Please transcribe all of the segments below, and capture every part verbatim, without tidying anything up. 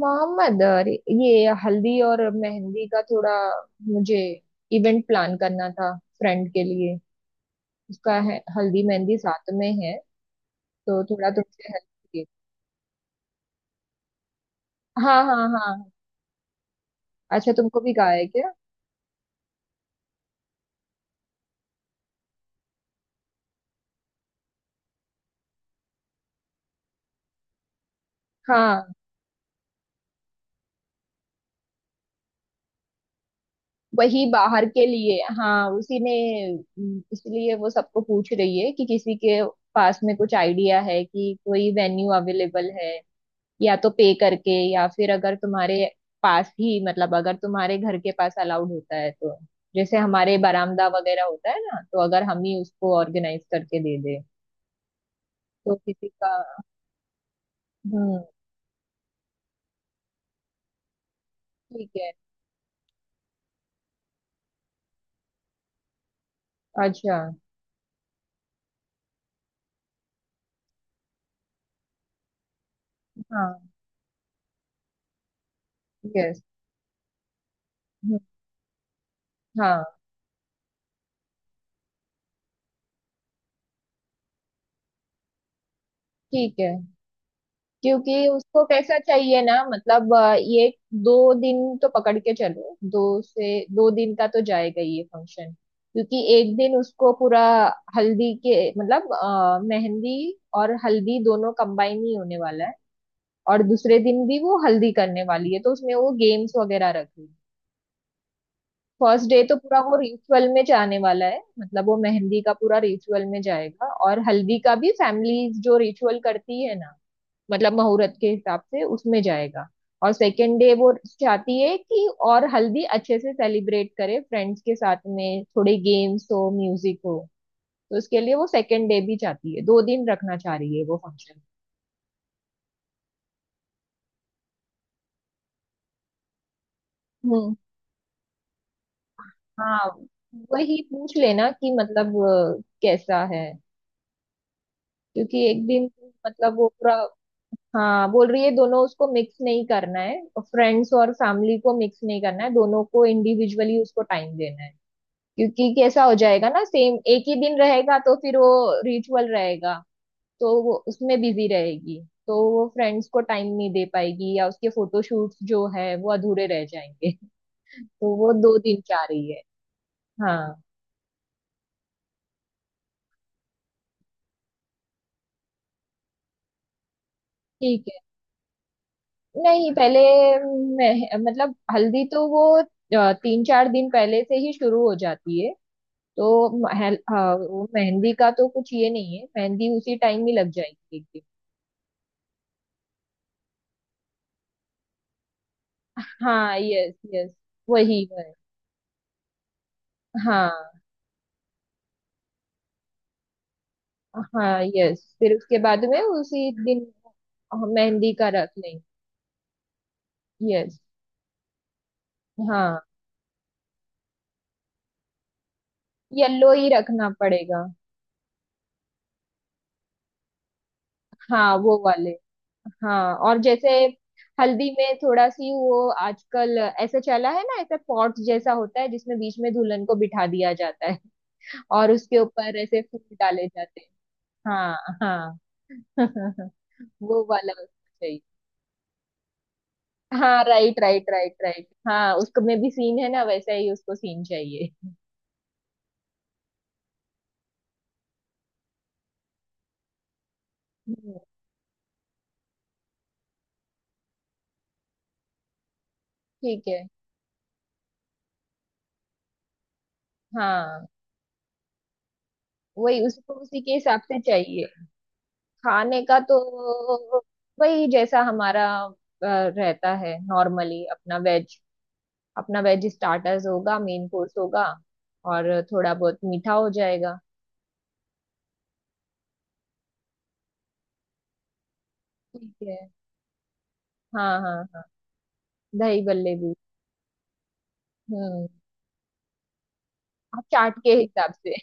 मोहम्मद, अरे ये हल्दी और मेहंदी का थोड़ा, मुझे इवेंट प्लान करना था फ्रेंड के लिए। उसका है हल्दी मेहंदी साथ में है तो थोड़ा तुमसे हेल्प चाहिए। हाँ हाँ हाँ। अच्छा तुमको भी कहा है क्या? हाँ, वही बाहर के लिए। हाँ, उसी ने उम, इसलिए वो सबको पूछ रही है कि किसी के पास में कुछ आइडिया है कि कोई वेन्यू अवेलेबल है, या तो पे करके, या फिर अगर तुम्हारे पास ही, मतलब अगर तुम्हारे घर के पास अलाउड होता है तो, जैसे हमारे बरामदा वगैरह होता है ना, तो अगर हम ही उसको ऑर्गेनाइज करके दे दे तो किसी का। हम्म। ठीक है। अच्छा। हाँ। यस। हाँ। ठीक है। क्योंकि उसको कैसा चाहिए ना, मतलब अ, ये दो दिन तो पकड़ के चलो, दो से दो दिन का तो जाएगा ये फंक्शन। क्योंकि एक दिन उसको पूरा हल्दी के मतलब अ, मेहंदी और हल्दी दोनों कंबाइन ही होने वाला है। और दूसरे दिन भी वो हल्दी करने वाली है, तो उसमें वो गेम्स वगैरह रखेगी। फर्स्ट डे तो पूरा वो रिचुअल में जाने वाला है, मतलब वो मेहंदी का पूरा रिचुअल में जाएगा और हल्दी का भी फैमिली जो रिचुअल करती है ना, मतलब मुहूर्त के हिसाब से, उसमें जाएगा। और सेकेंड डे वो चाहती है कि और हल्दी अच्छे से सेलिब्रेट करे फ्रेंड्स के साथ में, थोड़े गेम्स हो, म्यूजिक हो। तो उसके लिए वो सेकेंड डे भी चाहती है, दो दिन रखना चाह रही है वो फंक्शन। हम्म। हाँ, वही पूछ लेना कि मतलब अ, कैसा है। क्योंकि एक दिन मतलब वो पूरा, हाँ बोल रही है, दोनों उसको मिक्स नहीं करना है, फ्रेंड्स और फैमिली को मिक्स नहीं करना है, दोनों को इंडिविजुअली उसको टाइम देना है। क्योंकि कैसा हो जाएगा ना, सेम एक ही दिन रहेगा तो फिर वो रिचुअल रहेगा, तो वो उसमें बिजी रहेगी, तो वो फ्रेंड्स को टाइम नहीं दे पाएगी, या उसके फोटोशूट्स जो है वो अधूरे रह जाएंगे। तो वो दो दिन चाह रही है। हाँ। ठीक है। नहीं, पहले मैं मतलब हल्दी तो वो अ, तीन चार दिन पहले से ही शुरू हो जाती है। तो म- हेल- हाँ, वो मेहंदी का तो कुछ ये नहीं है, मेहंदी उसी टाइम ही लग जाएगी एक दिन। हाँ, यस यस। वही है। हाँ हाँ, यस, फिर उसके बाद में उसी दिन मेहंदी का रख लेंगे। यस। हाँ, येलो ही रखना पड़ेगा। हाँ वो वाले। हाँ, और जैसे हल्दी में थोड़ा सी वो, आजकल ऐसा चला है ना, ऐसा पॉट जैसा होता है जिसमें बीच में दुल्हन को बिठा दिया जाता है और उसके ऊपर ऐसे फूल डाले जाते हैं। हाँ। हाँ। वो वाला उसको चाहिए। हाँ, राइट राइट राइट राइट, हाँ, उसको में भी सीन है ना, वैसा ही उसको सीन चाहिए। हम्म, ठीक है। हाँ, वही उसको उसी के हिसाब से चाहिए। खाने का तो वही जैसा हमारा अ, रहता है नॉर्मली अपना वेज, अपना वेज स्टार्टर्स होगा, मेन कोर्स होगा, और थोड़ा बहुत मीठा हो जाएगा। ठीक है। हाँ हाँ हाँ। दही बल्ले भी। हम्म। आप चाट के हिसाब से।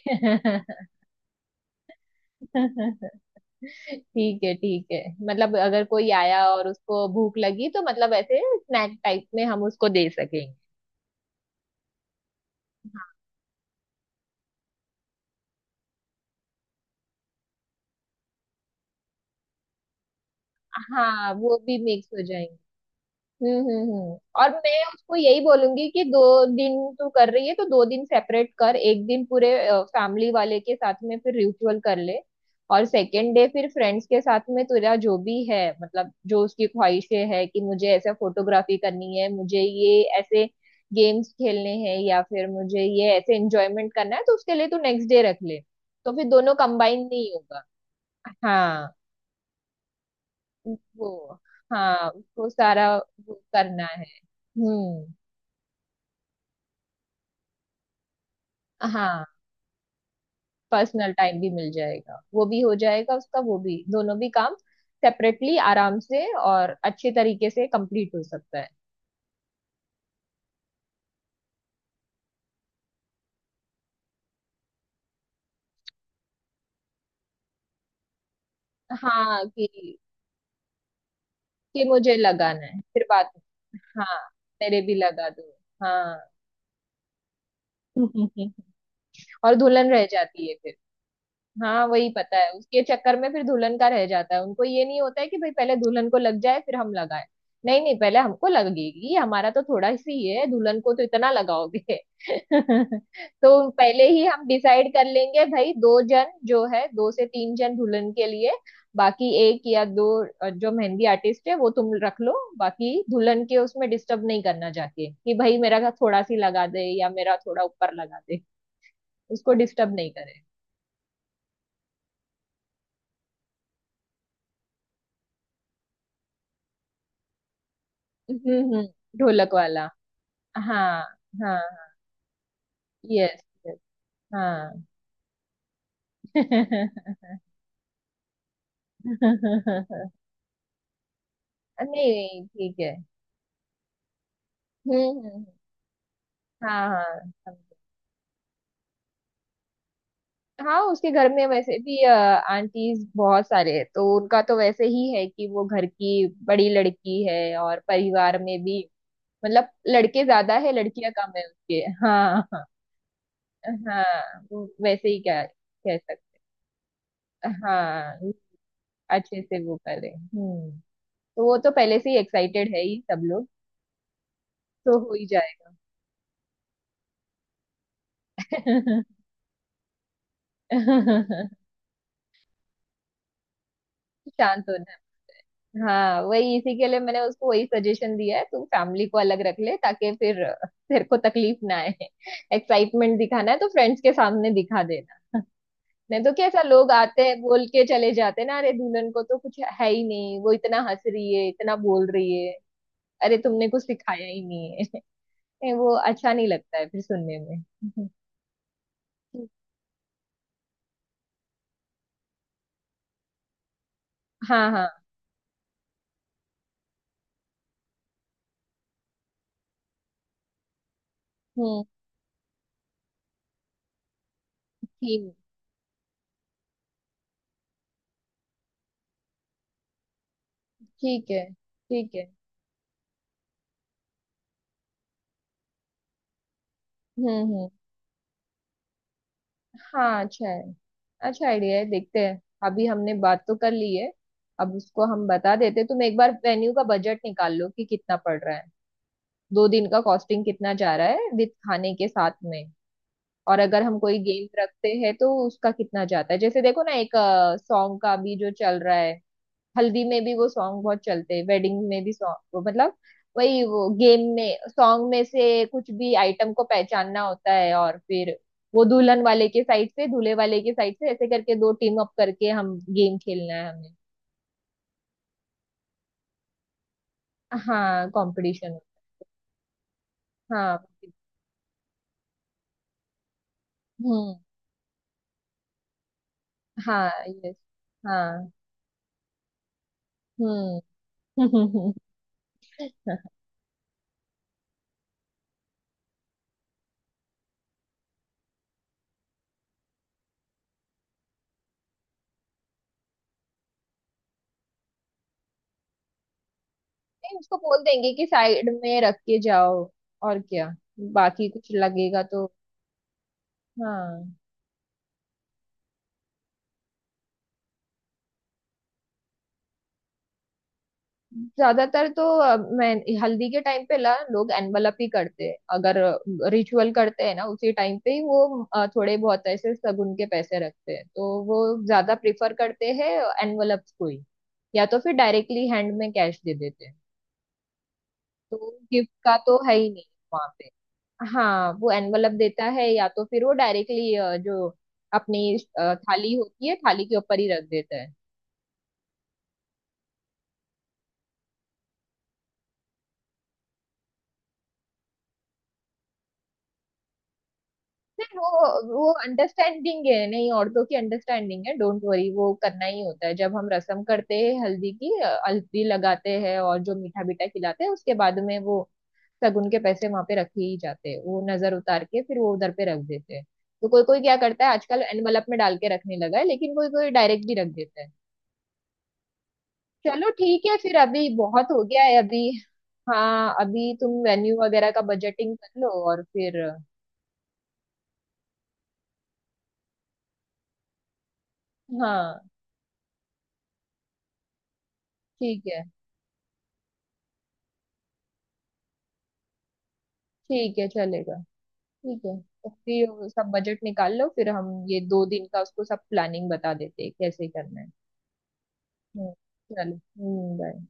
ठीक है ठीक है। मतलब अगर कोई आया और उसको भूख लगी तो मतलब ऐसे स्नैक टाइप में हम उसको दे सकेंगे। हाँ वो भी मिक्स हो जाएंगे। हम्म हम्म हम्म। और मैं उसको यही बोलूंगी कि दो दिन तू कर रही है तो दो दिन सेपरेट कर, एक दिन पूरे फैमिली वाले के साथ में फिर रिचुअल कर ले, और सेकेंड डे फिर फ्रेंड्स के साथ में तेरा जो भी है मतलब जो उसकी ख्वाहिशें है कि मुझे ऐसे फोटोग्राफी करनी है, मुझे ये ऐसे गेम्स खेलने हैं, या फिर मुझे ये ऐसे एंजॉयमेंट करना है, तो उसके लिए तू नेक्स्ट डे रख ले, तो फिर दोनों कंबाइन नहीं होगा। हाँ वो। हाँ वो सारा वो करना है। हम्म। हाँ, पर्सनल टाइम भी मिल जाएगा, वो भी हो जाएगा उसका, वो भी दोनों भी काम सेपरेटली आराम से और अच्छे तरीके से कंप्लीट हो सकता है। हाँ कि कि मुझे लगाना है फिर बात। हाँ, मेरे भी लगा दो। हाँ। और दुल्हन रह जाती है। हाँ वही पता है, उसके चक्कर में फिर दुल्हन का रह जाता है, उनको ये नहीं होता है कि भाई पहले दुल्हन को लग जाए फिर हम लगाए। नहीं नहीं पहले हमको लगेगी, हमारा तो थोड़ा सी ही है, दुल्हन को तो इतना लगाओगे। तो पहले ही हम डिसाइड कर लेंगे, भाई दो जन जो है, दो से तीन जन दुल्हन के लिए, बाकी एक या दो अ, जो मेहंदी आर्टिस्ट है वो तुम रख लो। बाकी दुल्हन के उसमें डिस्टर्ब नहीं करना चाहते कि भाई मेरा थोड़ा सी लगा दे या मेरा थोड़ा ऊपर लगा दे, उसको डिस्टर्ब नहीं करे। हम्म हम्म, ढोलक वाला। हाँ हाँ। यस। यस। हाँ। नहीं ठीक है। हम्म हम्म, हम्म। हाँ हाँ समझे। हाँ उसके घर में वैसे भी आंटीज बहुत सारे हैं, तो उनका तो वैसे ही है कि वो घर की बड़ी लड़की है और परिवार में भी मतलब लड़के ज्यादा है, लड़कियां कम है उसके। हाँ हाँ। हाँ वो वैसे ही क्या कह सकते। हाँ, अच्छे से वो करे। हम्म। तो वो तो पहले से ही एक्साइटेड है ही सब लोग, तो हो ही जाएगा। शांत होना है। हाँ, वही इसी के लिए मैंने उसको वही सजेशन दिया है, तू फैमिली को अलग रख ले, ताकि फिर अ, तेरे को तकलीफ ना आए। एक्साइटमेंट दिखाना है तो फ्रेंड्स के सामने दिखा देना। नहीं तो कैसा, लोग आते हैं बोल के चले जाते हैं ना, अरे दुल्हन को तो कुछ है ही नहीं, वो इतना हंस रही है, इतना बोल रही है, अरे तुमने कुछ सिखाया ही नहीं है। नहीं, वो अच्छा नहीं लगता है फिर सुनने में। हाँ हाँ। हम्म। थीम। ठीक है। ठीक है। हम्म हम्म। हाँ अच्छा है, अच्छा आइडिया है, देखते हैं। अभी हमने बात तो कर ली है, अब उसको हम बता देते हैं। तुम एक बार वेन्यू का बजट निकाल लो कि कितना पड़ रहा है, दो दिन का कॉस्टिंग कितना जा रहा है विद खाने के साथ में, और अगर हम कोई गेम रखते हैं तो उसका कितना जाता है। जैसे देखो ना, एक सॉन्ग का भी जो चल रहा है, हल्दी में भी वो सॉन्ग बहुत चलते हैं, वेडिंग में भी सॉन्ग वो मतलब, वही वो गेम में सॉन्ग में से कुछ भी आइटम को पहचानना होता है, और फिर वो दुल्हन वाले के साइड से, दूल्हे वाले के साइड से, ऐसे करके दो टीम अप करके हम गेम खेलना है हमें। हाँ, कंपटीशन। हाँ। हम्म। हाँ यस। हाँ। हम्म। नहीं, उसको बोल देंगे कि साइड में रख के जाओ और क्या, बाकी कुछ लगेगा तो। हाँ, ज्यादातर तो अ, मैं हल्दी के टाइम पे ला लोग एनवलप ही करते हैं, अगर रिचुअल करते हैं ना उसी टाइम पे ही वो अ, थोड़े बहुत ऐसे शगुन के पैसे रखते हैं, तो वो ज्यादा प्रिफर करते हैं एनवलप को ही, या तो फिर डायरेक्टली हैंड में कैश दे देते हैं। तो गिफ्ट का तो है ही नहीं वहां पे। हाँ, वो एनवलप देता है, या तो फिर वो डायरेक्टली जो अपनी अ, थाली होती है, थाली के ऊपर ही रख देता है। नहीं वो, वो अंडरस्टैंडिंग है नहीं, औरतों की अंडरस्टैंडिंग है, डोंट वरी, वो करना ही होता है। जब हम रसम करते हैं हल्दी की, अ, हल्दी लगाते हैं और जो मीठा बीठा खिलाते हैं उसके बाद में वो शगुन के पैसे वहां पे रखे ही जाते हैं, वो नजर उतार के फिर वो उधर पे रख देते हैं। तो कोई कोई क्या करता है आजकल एनवलप में डाल के रखने लगा है, लेकिन कोई कोई डायरेक्ट भी रख देता है। चलो ठीक है, फिर अभी बहुत हो गया है अभी। हाँ, अभी तुम वेन्यू वगैरह का बजटिंग कर लो और फिर। हाँ ठीक है। ठीक है चलेगा, ठीक है। तो फिर सब बजट निकाल लो, फिर हम ये दो दिन का उसको सब प्लानिंग बता देते हैं कैसे करना है। हम्म, चलो। हम्म, बाय।